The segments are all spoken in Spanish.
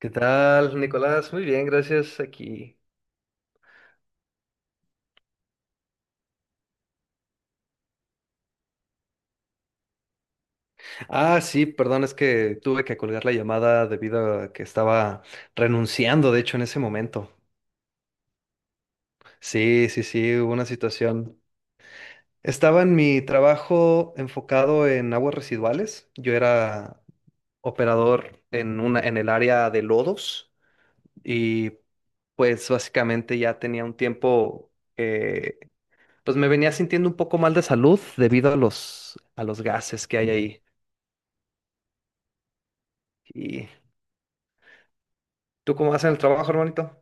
¿Qué tal, Nicolás? Muy bien, gracias. Aquí. Ah, sí, perdón, es que tuve que colgar la llamada debido a que estaba renunciando, de hecho, en ese momento. Sí, sí, sí, hubo una situación. Estaba en mi trabajo enfocado en aguas residuales. Yo era operador en el área de lodos y pues básicamente ya tenía un tiempo que pues me venía sintiendo un poco mal de salud debido a los gases que hay ahí. Y ¿tú cómo vas en el trabajo, hermanito?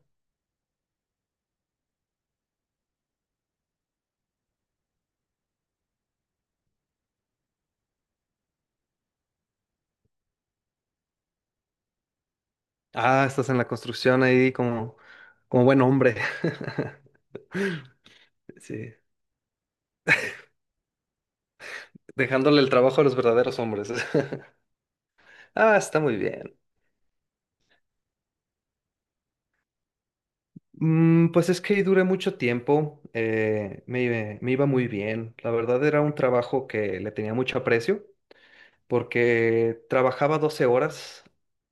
Ah, estás en la construcción ahí como buen hombre. Sí, dejándole el trabajo a los verdaderos hombres. Ah, está muy bien. Pues es que ahí duré mucho tiempo, me iba muy bien. La verdad era un trabajo que le tenía mucho aprecio porque trabajaba 12 horas,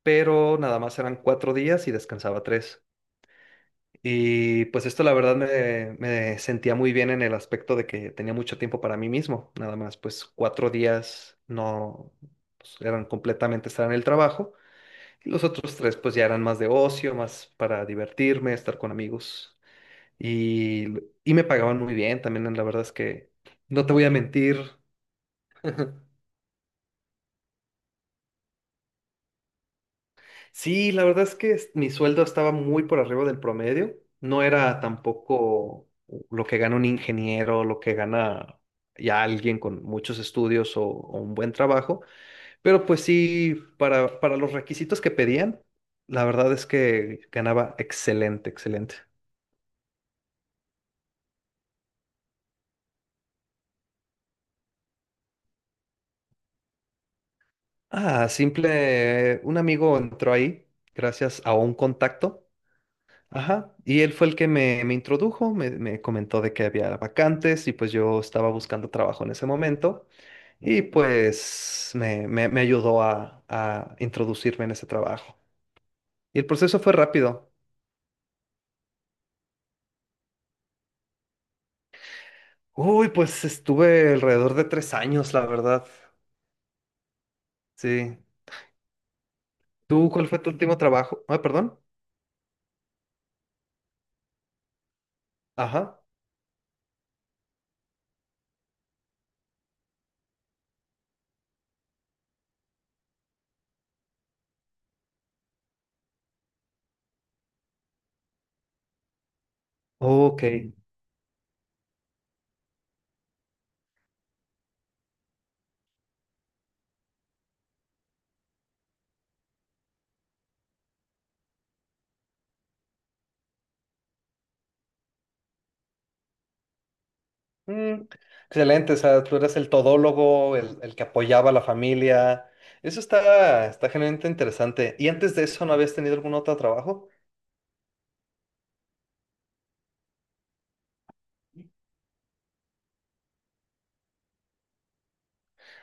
pero nada más eran 4 días y descansaba tres. Y pues esto la verdad me sentía muy bien en el aspecto de que tenía mucho tiempo para mí mismo, nada más pues 4 días no pues, eran completamente estar en el trabajo y los otros tres pues ya eran más de ocio, más para divertirme, estar con amigos y, y me pagaban muy bien también, la verdad es que no te voy a mentir. Sí, la verdad es que mi sueldo estaba muy por arriba del promedio. No era tampoco lo que gana un ingeniero, lo que gana ya alguien con muchos estudios o un buen trabajo, pero pues sí, para los requisitos que pedían, la verdad es que ganaba excelente, excelente. Ah, simple, un amigo entró ahí gracias a un contacto. Ajá, y él fue el que me introdujo, me comentó de que había vacantes y pues yo estaba buscando trabajo en ese momento y pues me ayudó a introducirme en ese trabajo. Y el proceso fue rápido. Uy, pues estuve alrededor de 3 años, la verdad. Sí. ¿Tú cuál fue tu último trabajo? Ah, perdón. Ajá. Ok. Mm, Excelente, o sea, tú eras el todólogo, el que apoyaba a la familia. Eso está genuinamente interesante. ¿Y antes de eso no habías tenido algún otro trabajo?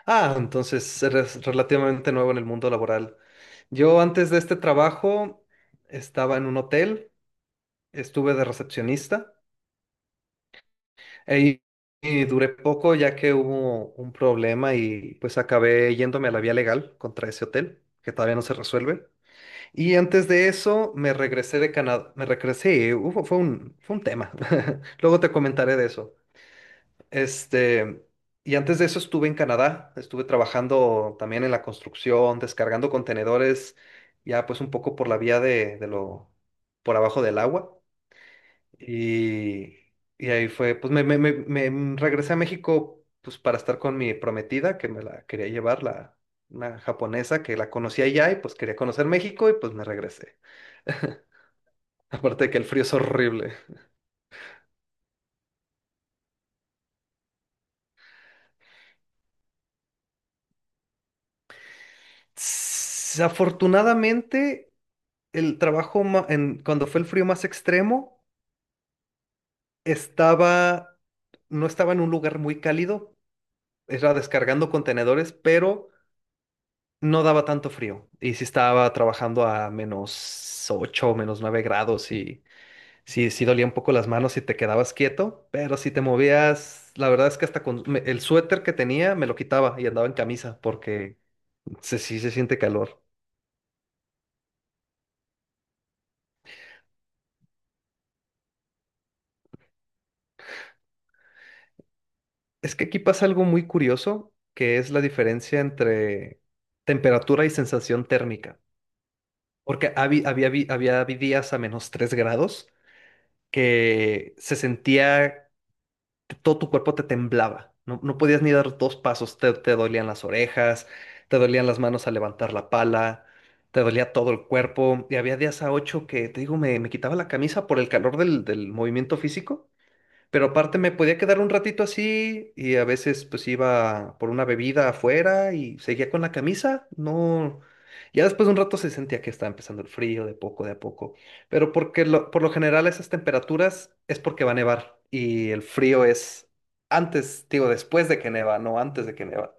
Ah, entonces eres relativamente nuevo en el mundo laboral. Yo antes de este trabajo estaba en un hotel, estuve de recepcionista e- y duré poco ya que hubo un problema y pues acabé yéndome a la vía legal contra ese hotel, que todavía no se resuelve. Y antes de eso, me regresé de Canadá. Me regresé, fue un tema. Luego te comentaré de eso. Este, y antes de eso estuve en Canadá. Estuve trabajando también en la construcción, descargando contenedores, ya pues un poco por la vía de lo, por abajo del agua. Y, y ahí fue, pues me regresé a México pues para estar con mi prometida, que me la quería llevar, una japonesa que la conocía allá y pues quería conocer México y pues me regresé. Aparte de que el frío es horrible. Afortunadamente, el trabajo cuando fue el frío más extremo, estaba, no estaba en un lugar muy cálido, era descargando contenedores, pero no daba tanto frío. Y sí estaba trabajando a -8, -9 grados y sí, sí dolía un poco las manos si te quedabas quieto, pero si te movías, la verdad es que hasta con el suéter que tenía me lo quitaba y andaba en camisa porque sí se siente calor. Es que aquí pasa algo muy curioso, que es la diferencia entre temperatura y sensación térmica. Porque habi- había, vi días a -3 grados, que se sentía, que todo tu cuerpo te temblaba. No, no podías ni dar dos pasos, te dolían las orejas, te dolían las manos al levantar la pala, te dolía todo el cuerpo. Y había días a 8 que, te digo, me quitaba la camisa por el calor del movimiento físico, pero aparte me podía quedar un ratito así y a veces pues iba por una bebida afuera y seguía con la camisa. No, ya después de un rato se sentía que estaba empezando el frío de a poco. Pero porque por lo general a esas temperaturas es porque va a nevar y el frío es antes, digo, después de que neva, no antes de que neva.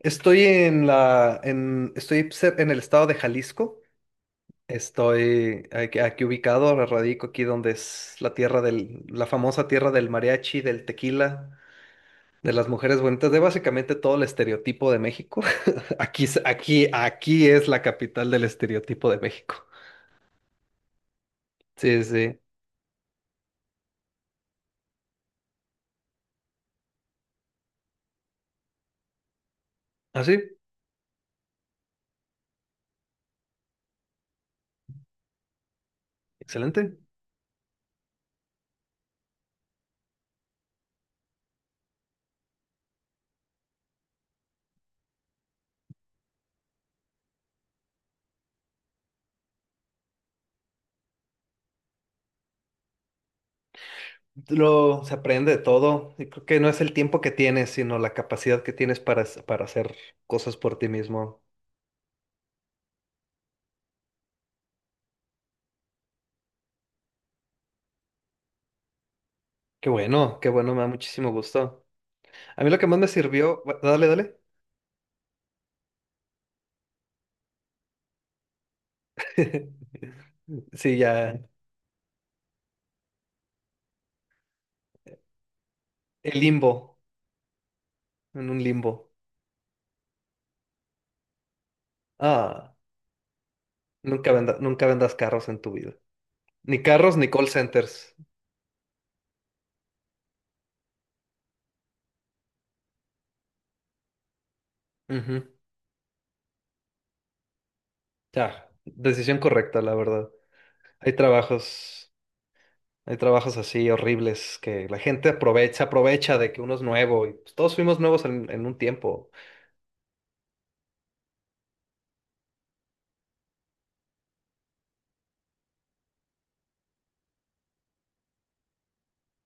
Estoy en el estado de Jalisco. Estoy aquí, aquí ubicado, ahora radico aquí donde es la tierra la famosa tierra del mariachi, del tequila, de las mujeres bonitas, de básicamente todo el estereotipo de México. Aquí es la capital del estereotipo de México. Sí, sí. Ah, sí, excelente. Se aprende de todo. Y creo que no es el tiempo que tienes, sino la capacidad que tienes para hacer cosas por ti mismo. Qué bueno, me da muchísimo gusto. A mí lo que más me sirvió, dale, dale. Sí, ya. El limbo. En un limbo. Ah, nunca vendas carros en tu vida. Ni carros ni call centers. Ujú. Ya. Decisión correcta, la verdad. Hay trabajos, hay trabajos así horribles que la gente aprovecha de que uno es nuevo y pues, todos fuimos nuevos en un tiempo.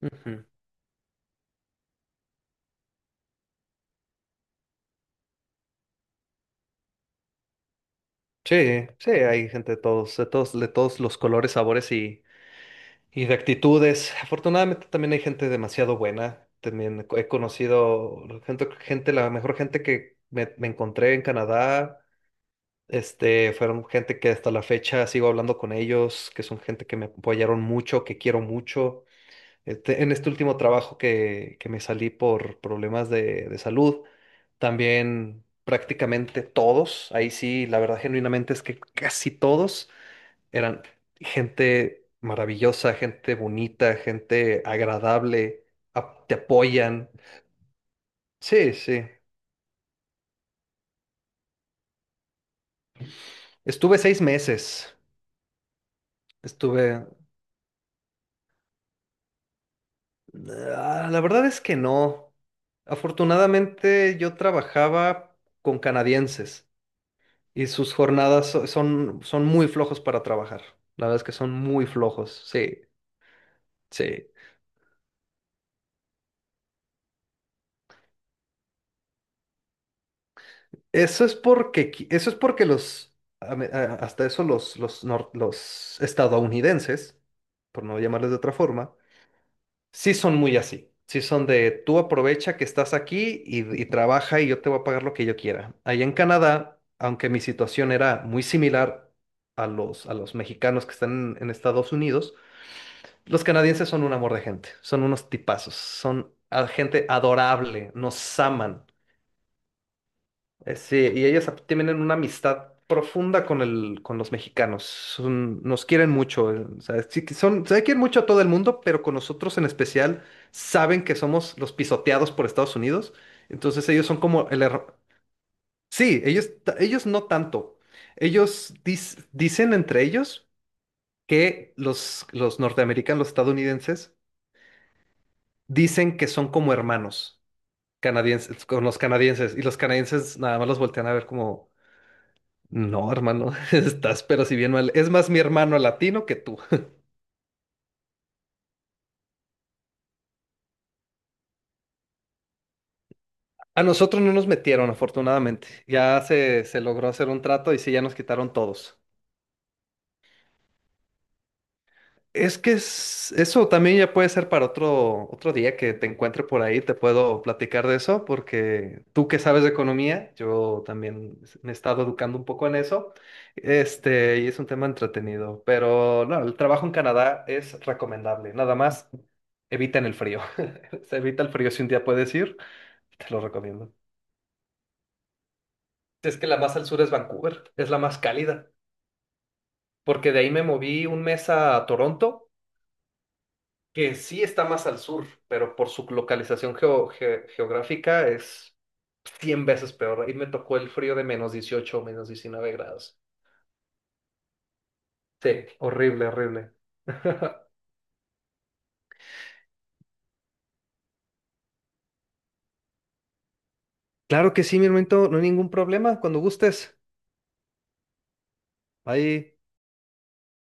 Ujú. Sí, sí, hay gente de todos los colores, sabores y... y de actitudes. Afortunadamente también hay gente demasiado buena. También he conocido gente, la mejor gente que me encontré en Canadá. Este, fueron gente que hasta la fecha sigo hablando con ellos, que son gente que me apoyaron mucho, que quiero mucho. Este, en este último trabajo que me salí por problemas de salud, también prácticamente todos, ahí sí, la verdad genuinamente es que casi todos eran gente maravillosa, gente bonita, gente agradable, te apoyan. Sí, sí. Estuve 6 meses. Estuve... Ah, la verdad es que no. Afortunadamente yo trabajaba con canadienses y sus jornadas son muy flojos para trabajar. La verdad es que son muy flojos. Sí, sí. Eso es porque hasta eso los estadounidenses, por no llamarles de otra forma, sí son muy así. Sí son de tú aprovecha que estás aquí y trabaja y yo te voy a pagar lo que yo quiera. Allá en Canadá, aunque mi situación era muy similar a los mexicanos que están en Estados Unidos, los canadienses son un amor de gente, son unos tipazos, son gente adorable, nos aman. Sí, y ellas tienen una amistad profunda con los mexicanos. Nos quieren mucho. O sea, sí que se quieren mucho a todo el mundo, pero con nosotros en especial saben que somos los pisoteados por Estados Unidos. Entonces ellos son como el error. Sí, ellos no tanto. Ellos dicen entre ellos que los norteamericanos, los estadounidenses, dicen que son como hermanos canadienses, con los canadienses, y los canadienses nada más los voltean a ver como... no, hermano, estás pero si bien mal. Es más mi hermano latino que tú. A nosotros no nos metieron, afortunadamente. Ya se logró hacer un trato y sí, ya nos quitaron todos. Es que eso también ya puede ser para otro día que te encuentre por ahí, te puedo platicar de eso, porque tú que sabes de economía, yo también me he estado educando un poco en eso, este, y es un tema entretenido, pero no, el trabajo en Canadá es recomendable, nada más eviten el frío, se evita el frío si un día puedes ir, te lo recomiendo. Es que la más al sur es Vancouver, es la más cálida, porque de ahí me moví un mes a Toronto que sí está más al sur, pero por su localización geográfica es 100 veces peor. Ahí me tocó el frío de -18 o -19 grados. Sí, horrible, horrible. Claro que sí, mi hermanito, no hay ningún problema, cuando gustes. Ahí.